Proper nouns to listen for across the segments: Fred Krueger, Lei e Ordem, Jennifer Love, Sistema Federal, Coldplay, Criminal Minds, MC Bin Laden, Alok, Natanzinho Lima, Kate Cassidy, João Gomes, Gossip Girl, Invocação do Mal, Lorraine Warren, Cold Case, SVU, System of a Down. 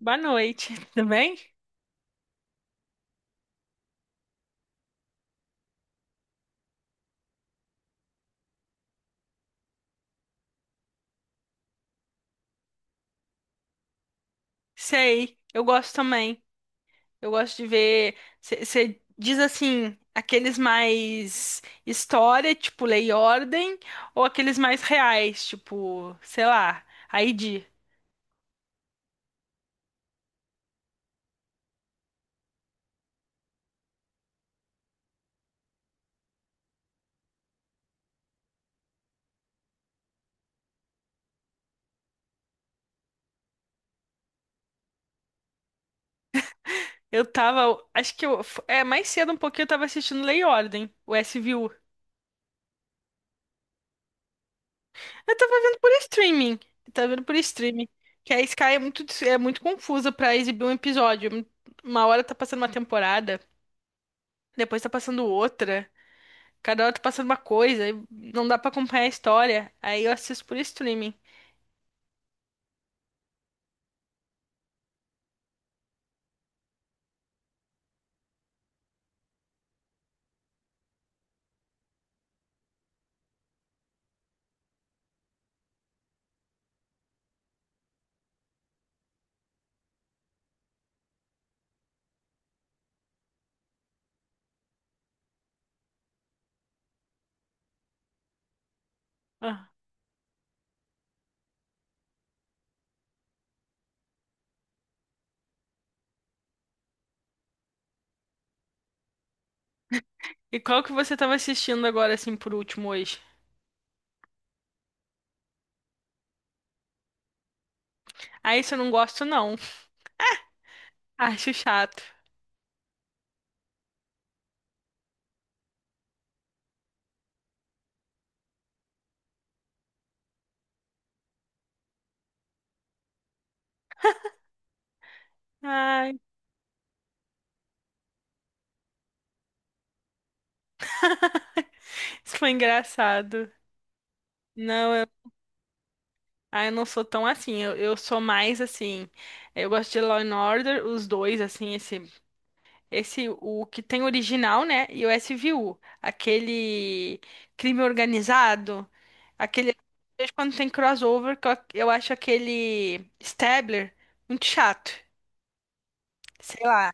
Boa noite, tudo bem? Sei, eu gosto também. Eu gosto de ver. Você diz assim, aqueles mais história, tipo Lei e Ordem, ou aqueles mais reais, tipo, sei lá, ID. Eu tava, acho que eu, é, Mais cedo um pouquinho eu tava assistindo Lei e Ordem, o SVU. Eu tava vendo por streaming, eu tava vendo por streaming, que a Sky é muito confusa pra exibir um episódio. Uma hora tá passando uma temporada, depois tá passando outra. Cada hora tá passando uma coisa, e não dá pra acompanhar a história. Aí eu assisto por streaming. Ah. E qual que você tava assistindo agora, assim, por último hoje? Ah, isso eu não gosto, não. Acho chato. Ai, isso foi engraçado. Não, eu, ah, eu não sou tão assim. Eu sou mais assim. Eu gosto de Law and Order, os dois, assim, esse, o que tem original, né? E o S SVU, aquele crime organizado, aquele. De vez em quando tem crossover, que eu acho aquele Stabler muito chato. Sei lá.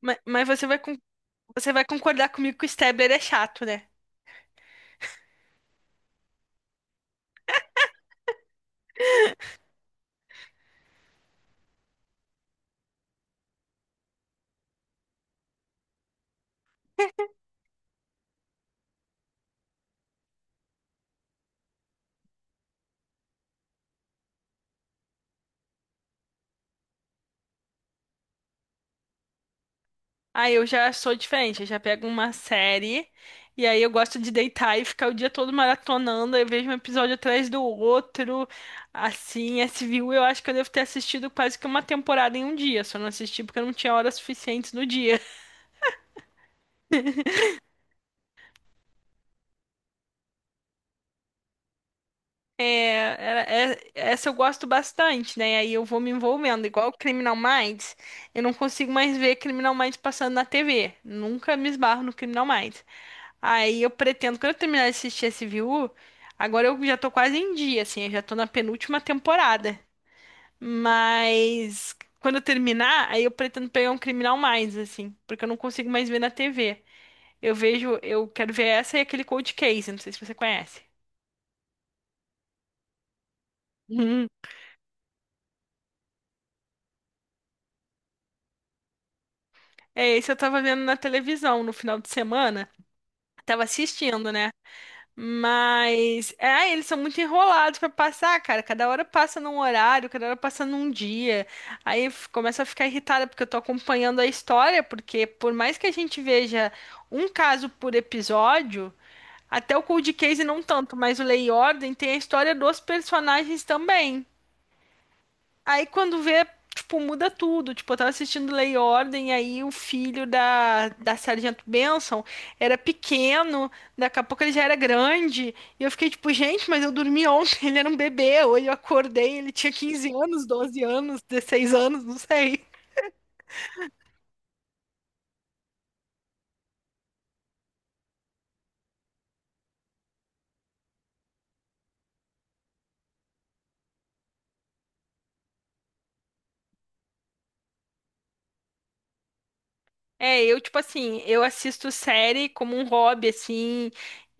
Ma- Mas, você vai, con- Você vai concordar comigo que o Stabler é chato, né? Aí eu já sou diferente, eu já pego uma série e aí eu gosto de deitar e ficar o dia todo maratonando, aí eu vejo um episódio atrás do outro. Assim, esse viu. Eu acho que eu devo ter assistido quase que uma temporada em um dia, só não assisti porque eu não tinha horas suficientes no dia. É, Essa eu gosto bastante, né? Aí eu vou me envolvendo. Igual Criminal Minds, eu não consigo mais ver Criminal Minds passando na TV. Nunca me esbarro no Criminal Minds. Aí eu pretendo, quando eu terminar de assistir esse SVU, agora eu já tô quase em dia, assim, eu já tô na penúltima temporada. Mas quando eu terminar, aí eu pretendo pegar um Criminal mais assim, porque eu não consigo mais ver na TV. Eu vejo, eu quero ver essa e aquele Cold Case, não sei se você conhece. Uhum. É, esse eu tava vendo na televisão no final de semana. Tava assistindo, né? Mas, eles são muito enrolados pra passar, cara. Cada hora passa num horário, cada hora passa num dia. Começa a ficar irritada porque eu tô acompanhando a história, porque por mais que a gente veja um caso por episódio, até o Cold Case não tanto, mas o Lei e Ordem tem a história dos personagens também. Aí quando vê, tipo, muda tudo. Tipo, eu tava assistindo Lei e Ordem, aí o filho da Sargento Benson era pequeno, daqui a pouco ele já era grande. E eu fiquei tipo, gente, mas eu dormi ontem, ele era um bebê. Hoje eu acordei, ele tinha 15 anos, 12 anos, 16 anos, não sei. Eu, tipo assim, eu assisto série como um hobby, assim,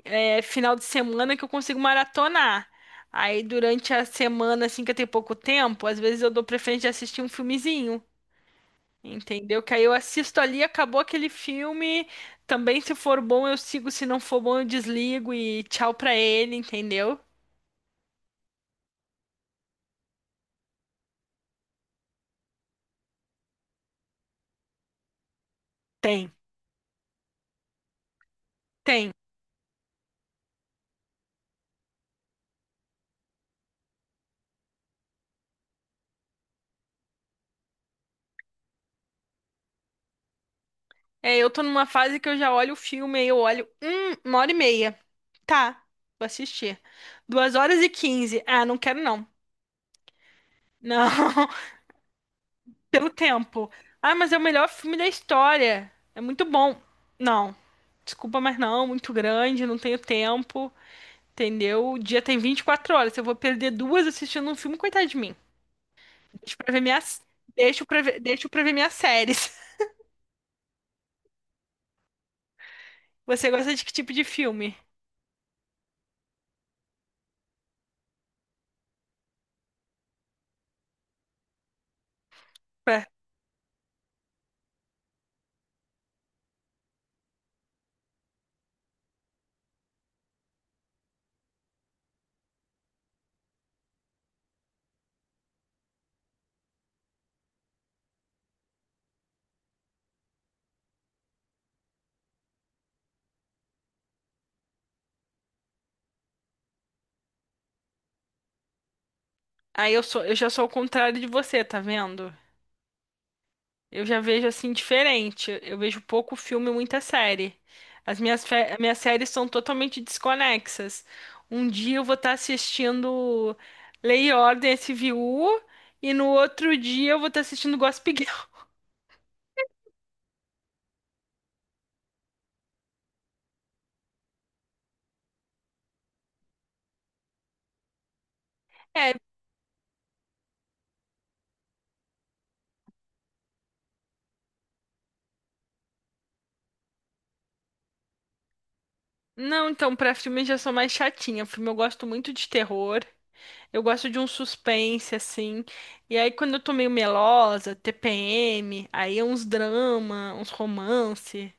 é, final de semana que eu consigo maratonar. Aí durante a semana, assim, que eu tenho pouco tempo, às vezes eu dou preferência de assistir um filmezinho. Entendeu? Que aí eu assisto ali, acabou aquele filme. Também, se for bom, eu sigo. Se não for bom, eu desligo e tchau pra ele, entendeu? Tem, Tem. É, eu tô numa fase que eu já olho o filme, aí eu olho, uma hora e meia. Tá, vou assistir. Duas horas e quinze. Ah, não quero não. Não, pelo tempo. Ah, mas é o melhor filme da história. É muito bom. Não, desculpa, mas não, muito grande, não tenho tempo. Entendeu? O dia tem 24 horas. Se eu vou perder duas assistindo um filme, coitado de mim. Deixa pra ver minhas. Deixa pra ver minhas séries. Você gosta de que tipo de filme? Pra- Aí eu sou, eu já sou ao contrário de você, tá vendo? Eu já vejo assim diferente. Eu vejo pouco filme e muita série. As minhas séries são totalmente desconexas. Um dia eu vou estar assistindo Lei e Ordem SVU e no outro dia eu vou estar assistindo Gossip Girl. É. Não, então, pra filmes já sou mais chatinha. Filme eu gosto muito de terror. Eu gosto de um suspense, assim. E aí, quando eu tô meio melosa, TPM, aí é uns drama, uns romance.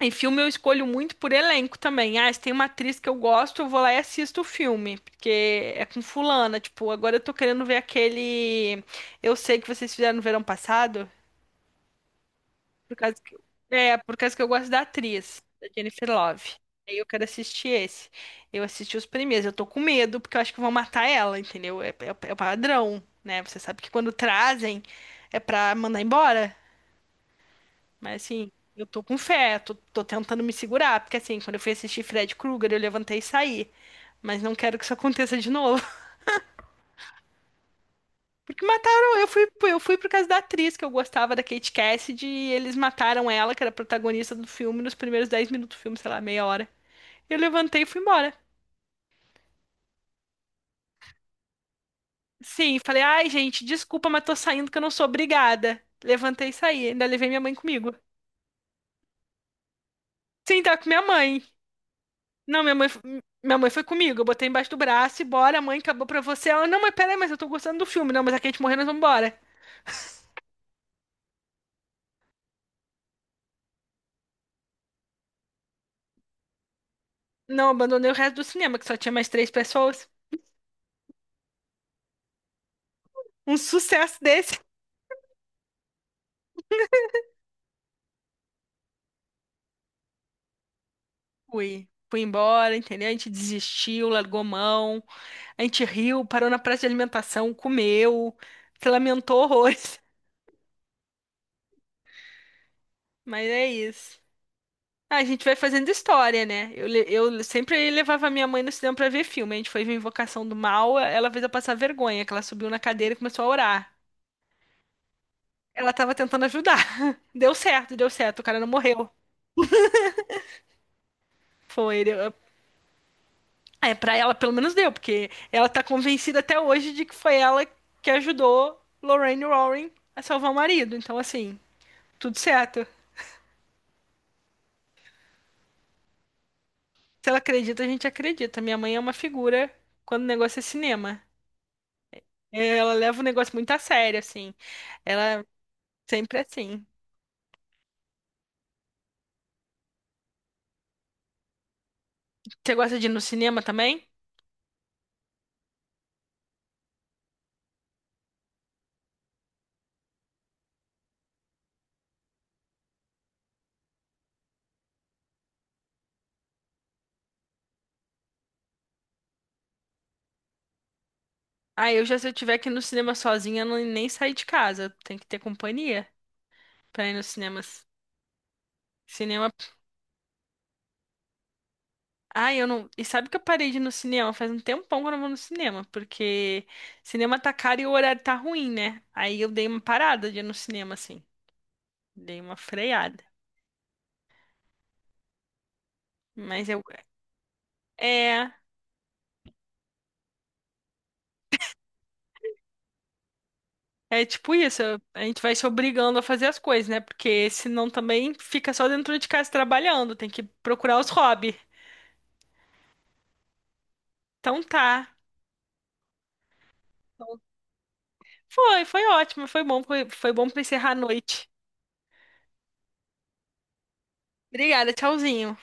Em filme eu escolho muito por elenco também. Ah, se tem uma atriz que eu gosto, eu vou lá e assisto o filme. Porque é com fulana. Tipo, agora eu tô querendo ver aquele. Eu sei que vocês fizeram no verão passado. Por causa que, por causa que eu gosto da atriz, da Jennifer Love. Aí eu quero assistir esse. Eu assisti os primeiros. Eu tô com medo, porque eu acho que vão matar ela, entendeu? É o padrão, né? Você sabe que quando trazem é pra mandar embora. Mas assim, eu tô com fé, tô tentando me segurar, porque assim, quando eu fui assistir Fred Krueger, eu levantei e saí. Mas não quero que isso aconteça de novo. Porque mataram, eu fui por causa da atriz que eu gostava da Kate Cassidy e eles mataram ela, que era a protagonista do filme, nos primeiros 10 minutos do filme, sei lá, meia hora. Eu levantei e fui embora. Sim, falei, ai, gente, desculpa, mas tô saindo que eu não sou obrigada. Levantei e saí, ainda levei minha mãe comigo. Sim, tá com minha mãe. Não, minha mãe foi comigo, eu botei embaixo do braço e bora, mãe, acabou pra você. Ela, não, mas peraí, mas eu tô gostando do filme. Não, mas a Kate morreu, nós vamos embora. Não, abandonei o resto do cinema, que só tinha mais três pessoas. Um sucesso desse. Fui. Fui embora, entendeu? A gente desistiu, largou mão, a gente riu, parou na praça de alimentação, comeu, se lamentou horrores. Mas é isso. Ah, a gente vai fazendo história, né? Eu sempre levava minha mãe no cinema pra ver filme. A gente foi ver Invocação do Mal, ela fez eu passar vergonha, que ela subiu na cadeira e começou a orar. Ela tava tentando ajudar. Deu certo, o cara não morreu. Foi. Pra ela pelo menos deu, porque ela tá convencida até hoje de que foi ela que ajudou Lorraine Warren a salvar o marido. Então, assim, tudo certo. Se ela acredita, a gente acredita. Minha mãe é uma figura quando o negócio é cinema. Ela leva o negócio muito a sério, assim. Ela sempre é assim. Você gosta de ir no cinema também? Ah, eu já se eu tiver que ir no cinema sozinha, eu não, nem sair de casa. Tem que ter companhia pra ir nos cinemas. Cinema. Ai, eu não. E sabe que eu parei de ir no cinema? Faz um tempão que eu não vou no cinema, porque cinema tá caro e o horário tá ruim, né? Aí eu dei uma parada de ir no cinema, assim. Dei uma freada. Mas eu. É. É tipo isso, eu- a gente vai se obrigando a fazer as coisas, né? Porque senão também fica só dentro de casa trabalhando, tem que procurar os hobbies. Então tá. Foi, foi ótimo, foi bom, foi bom pra encerrar a noite. Obrigada, tchauzinho.